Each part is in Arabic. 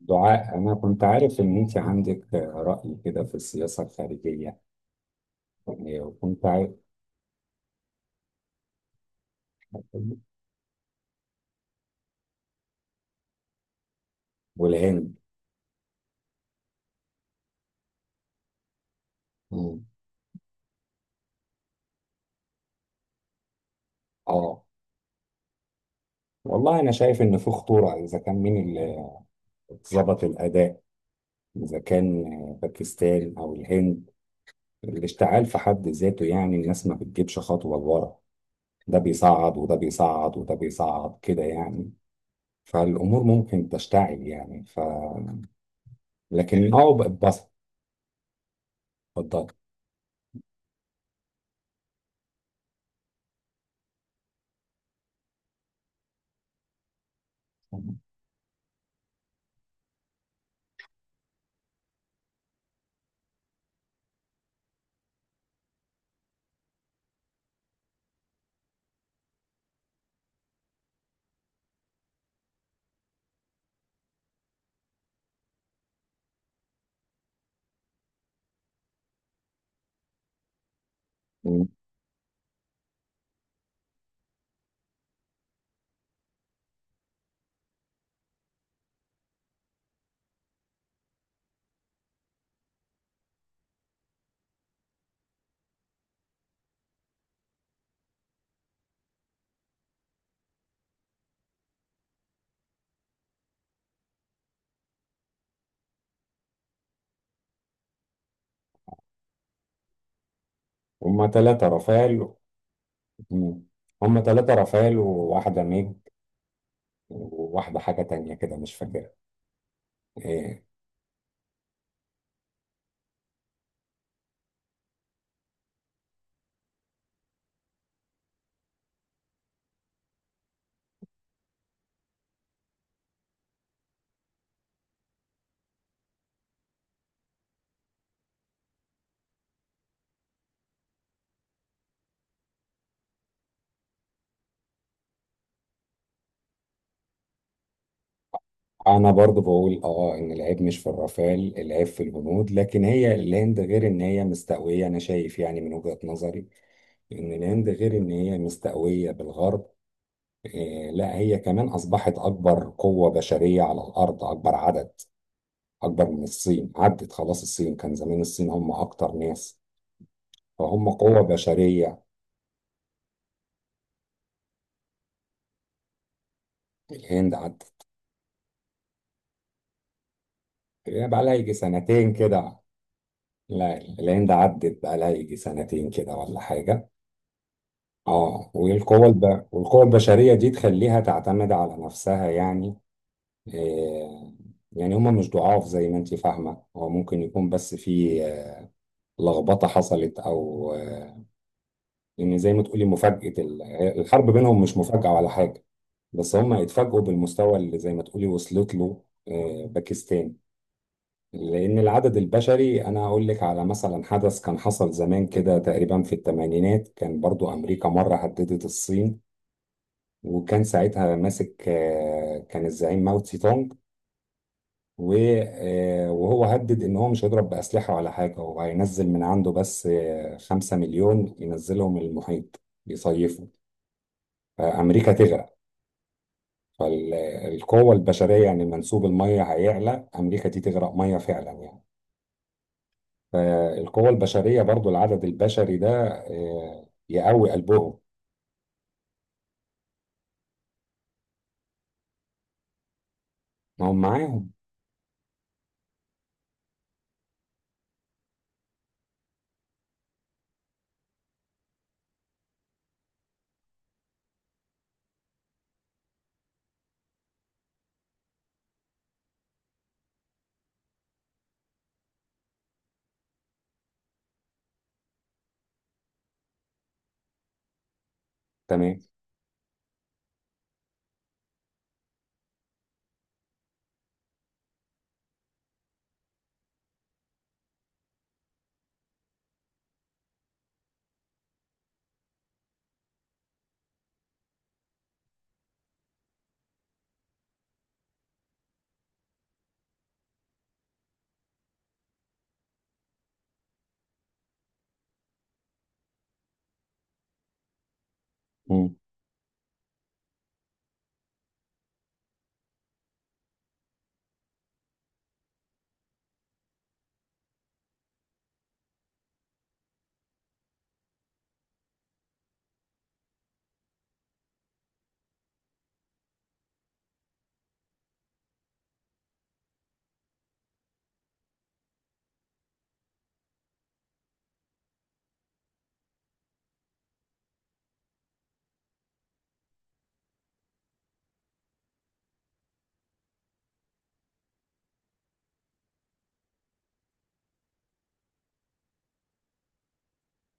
دعاء، أنا كنت عارف إن أنت عندك رأي كده في السياسة الخارجية، يعني وكنت عارف. والهند. مم. آه والله أنا شايف إن في خطورة. إذا كان مين اللي ظبط الأداء، إذا كان باكستان أو الهند، الاشتعال في حد ذاته، يعني الناس ما بتجيبش خطوة لورا. ده بيصعد وده بيصعد وده بيصعد كده، يعني فالأمور ممكن تشتعل يعني لكن بقت بس. اتفضل. هما 3 رافائيل. مم. هما ثلاثة رافائيل وواحدة ميج، وواحدة حاجة تانية كده مش فاكرها. إيه. أنا برضو بقول إن العيب مش في الرافائيل، العيب في الهنود. لكن هي الهند، غير إن هي مستقوية، أنا شايف يعني من وجهة نظري إن الهند غير إن هي مستقوية بالغرب. إيه. لا هي كمان أصبحت أكبر قوة بشرية على الأرض، أكبر عدد. أكبر من الصين، عدت خلاص. الصين كان زمان الصين هم أكتر ناس، فهم قوة بشرية. الهند عدت بقى لها يجي سنتين كده. لا العين ده عدت بقى لها يجي سنتين كده ولا حاجة. اه، والقوة البشرية دي تخليها تعتمد على نفسها يعني. آه يعني هما مش ضعاف زي ما انت فاهمة. هو ممكن يكون بس في لخبطة حصلت، أو يعني زي ما تقولي مفاجأة الحرب بينهم مش مفاجأة ولا حاجة. بس هما اتفاجئوا بالمستوى اللي زي ما تقولي وصلت له باكستان. لأن العدد البشري، أنا أقول لك على مثلا حدث كان حصل زمان كده تقريبا في الثمانينات، كان برضو أمريكا مرة هددت الصين. وكان ساعتها ماسك، كان الزعيم ماو تسي تونج. و- وهو هدد إن هو مش هيضرب بأسلحة ولا حاجة، هو هينزل من عنده بس 5,000,000 ينزلهم المحيط يصيفوا، فأمريكا تغرق. فالقوة البشرية، يعني منسوب المية هيعلى، أمريكا دي تغرق مية فعلا يعني. فالقوة البشرية برضو العدد البشري ده يقوي قلبهم. ما هم معاهم. تمام. مم.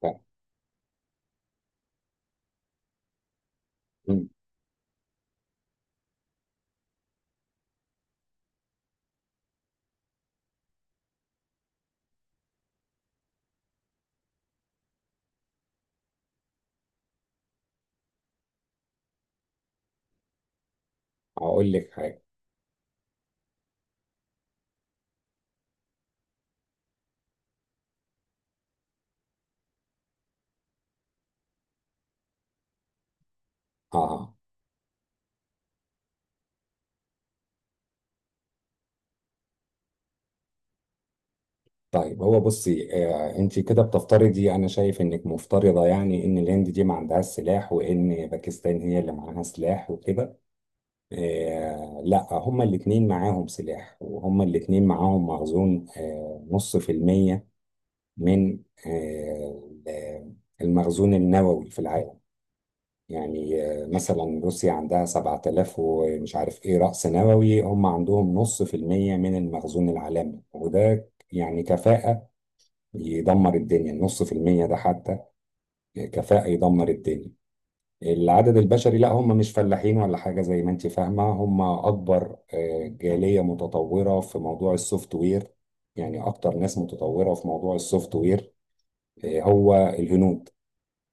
طيب. مم. هقول لك حاجة. اه. طيب، هو بصي انت كده بتفترضي، انا شايف انك مفترضة يعني ان الهند دي ما عندهاش سلاح وان باكستان هي اللي معاها سلاح وكده. لا، هما الاتنين معاهم سلاح، وهما الاتنين معاهم مخزون، نص في المية من آه المخزون النووي في العالم. يعني مثلا روسيا عندها 7,000 ومش عارف ايه رأس نووي، هم عندهم نص في المية من المخزون العالمي، وده يعني كفاءة يدمر الدنيا. النص في المية ده حتى كفاءة يدمر الدنيا. العدد البشري، لا هم مش فلاحين ولا حاجة زي ما انت فاهمة. هم أكبر جالية متطورة في موضوع السوفت وير، يعني أكتر ناس متطورة في موضوع السوفت وير هو الهنود.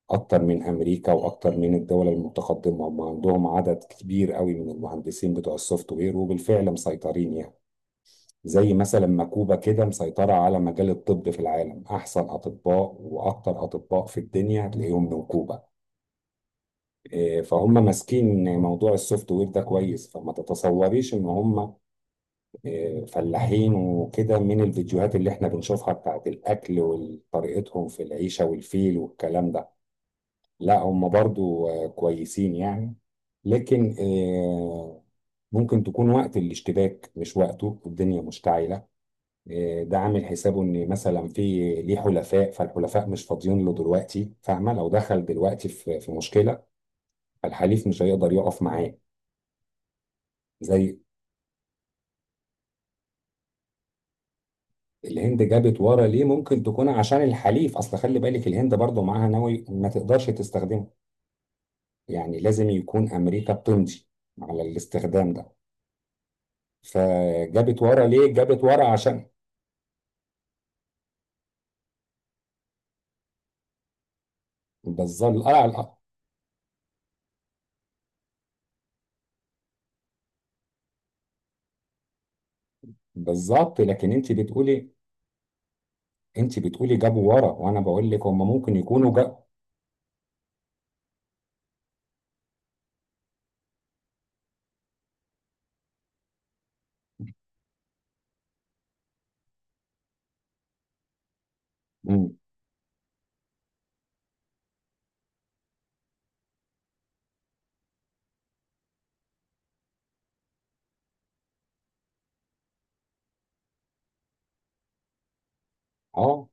اكتر من امريكا واكتر من الدول المتقدمه. هم عندهم عدد كبير قوي من المهندسين بتوع السوفت وير، وبالفعل مسيطرين يعني. زي مثلا ما كوبا كده مسيطره على مجال الطب في العالم. احسن اطباء واكتر اطباء في الدنيا هتلاقيهم من كوبا. إيه، فهم ماسكين موضوع السوفت وير ده كويس، فما تتصوريش ان هم إيه، فلاحين وكده، من الفيديوهات اللي احنا بنشوفها بتاعت الاكل وطريقتهم في العيشه والفيل والكلام ده. لا، هم برضو كويسين يعني. لكن ممكن تكون وقت الاشتباك، مش وقته الدنيا مشتعلة. ده عامل حسابه ان مثلا في ليه حلفاء، فالحلفاء مش فاضيين له دلوقتي فاهمة، لو دخل دلوقتي في مشكلة، فالحليف مش هيقدر يقف معاه. زي الهند جابت ورا ليه؟ ممكن تكون عشان الحليف، اصل خلي بالك الهند برضو معاها نووي ما تقدرش تستخدمه، يعني لازم يكون امريكا بتمضي على الاستخدام ده. فجابت ورا ليه؟ جابت ورا عشان بالظبط. لا، لا. بالظبط، لكن انت بتقولي جابوا ورا، وانا بقول لك هم ممكن يكونوا جا. مم. اه،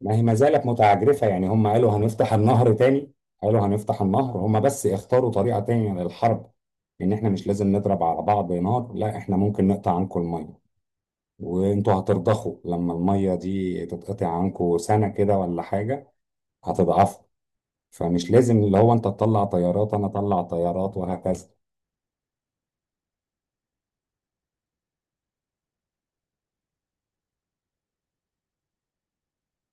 ما هي ما زالت متعجرفه، يعني هم قالوا هنفتح النهر تاني. قالوا هنفتح النهر، هم بس اختاروا طريقه تانية للحرب. ان احنا مش لازم نضرب على بعض نار، لا احنا ممكن نقطع عنكم الميه، وانتوا هترضخوا لما الميه دي تتقطع عنكم سنه كده ولا حاجه، هتضعفوا. فمش لازم اللي هو انت تطلع طيارات انا اطلع طيارات وهكذا.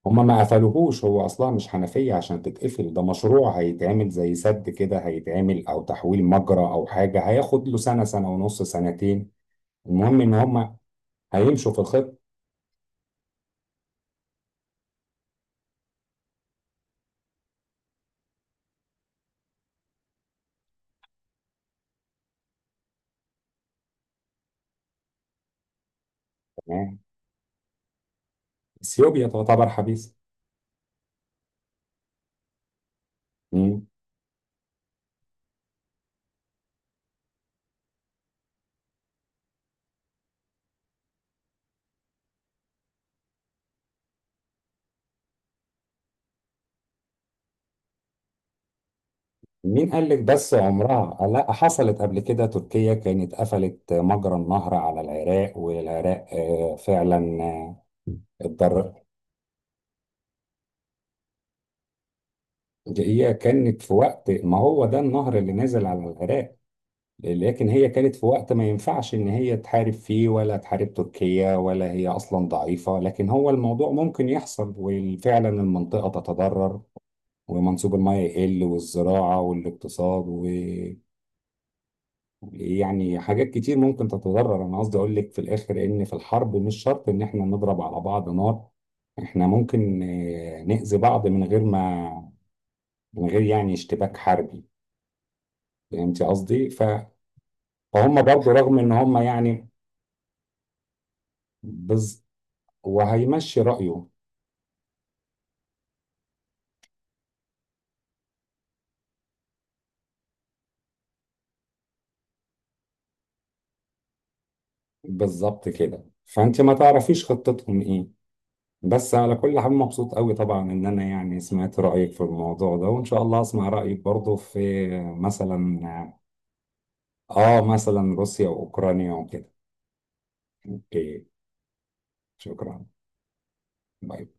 هما ما قفلوهوش، هو اصلا مش حنفية عشان تتقفل، ده مشروع هيتعمل زي سد كده، هيتعمل او تحويل مجرى او حاجة، هياخد له سنة، سنة ونص، سنتين. المهم ان هما هيمشوا في الخطة. يعني اثيوبيا تعتبر حبيسة. مم. مين قال لك بس عمرها؟ لا، حصلت قبل كده. تركيا كانت قفلت مجرى النهر على العراق، والعراق فعلا اتضرر. هي كانت في وقت ما، هو ده النهر اللي نازل على العراق. لكن هي كانت في وقت ما ينفعش ان هي تحارب فيه، ولا تحارب تركيا، ولا هي اصلا ضعيفة. لكن هو الموضوع ممكن يحصل، وفعلا المنطقة تتضرر، ومنسوب المياه يقل، والزراعة والاقتصاد، ويعني حاجات كتير ممكن تتضرر. انا قصدي اقول لك في الاخر ان في الحرب مش شرط ان احنا نضرب على بعض نار، احنا ممكن نأذي بعض من غير ما، من غير يعني اشتباك حربي. فهمتي قصدي؟ فهم برضو رغم ان هم يعني بز... وهيمشي رأيه. بالظبط كده، فأنت ما تعرفيش خطتهم إيه. بس على كل حال، مبسوط قوي طبعا إن أنا يعني سمعت رأيك في الموضوع ده، وإن شاء الله أسمع رأيك برضه في، مثلا، مثلا روسيا وأوكرانيا وكده. أوكي. شكرا. باي باي.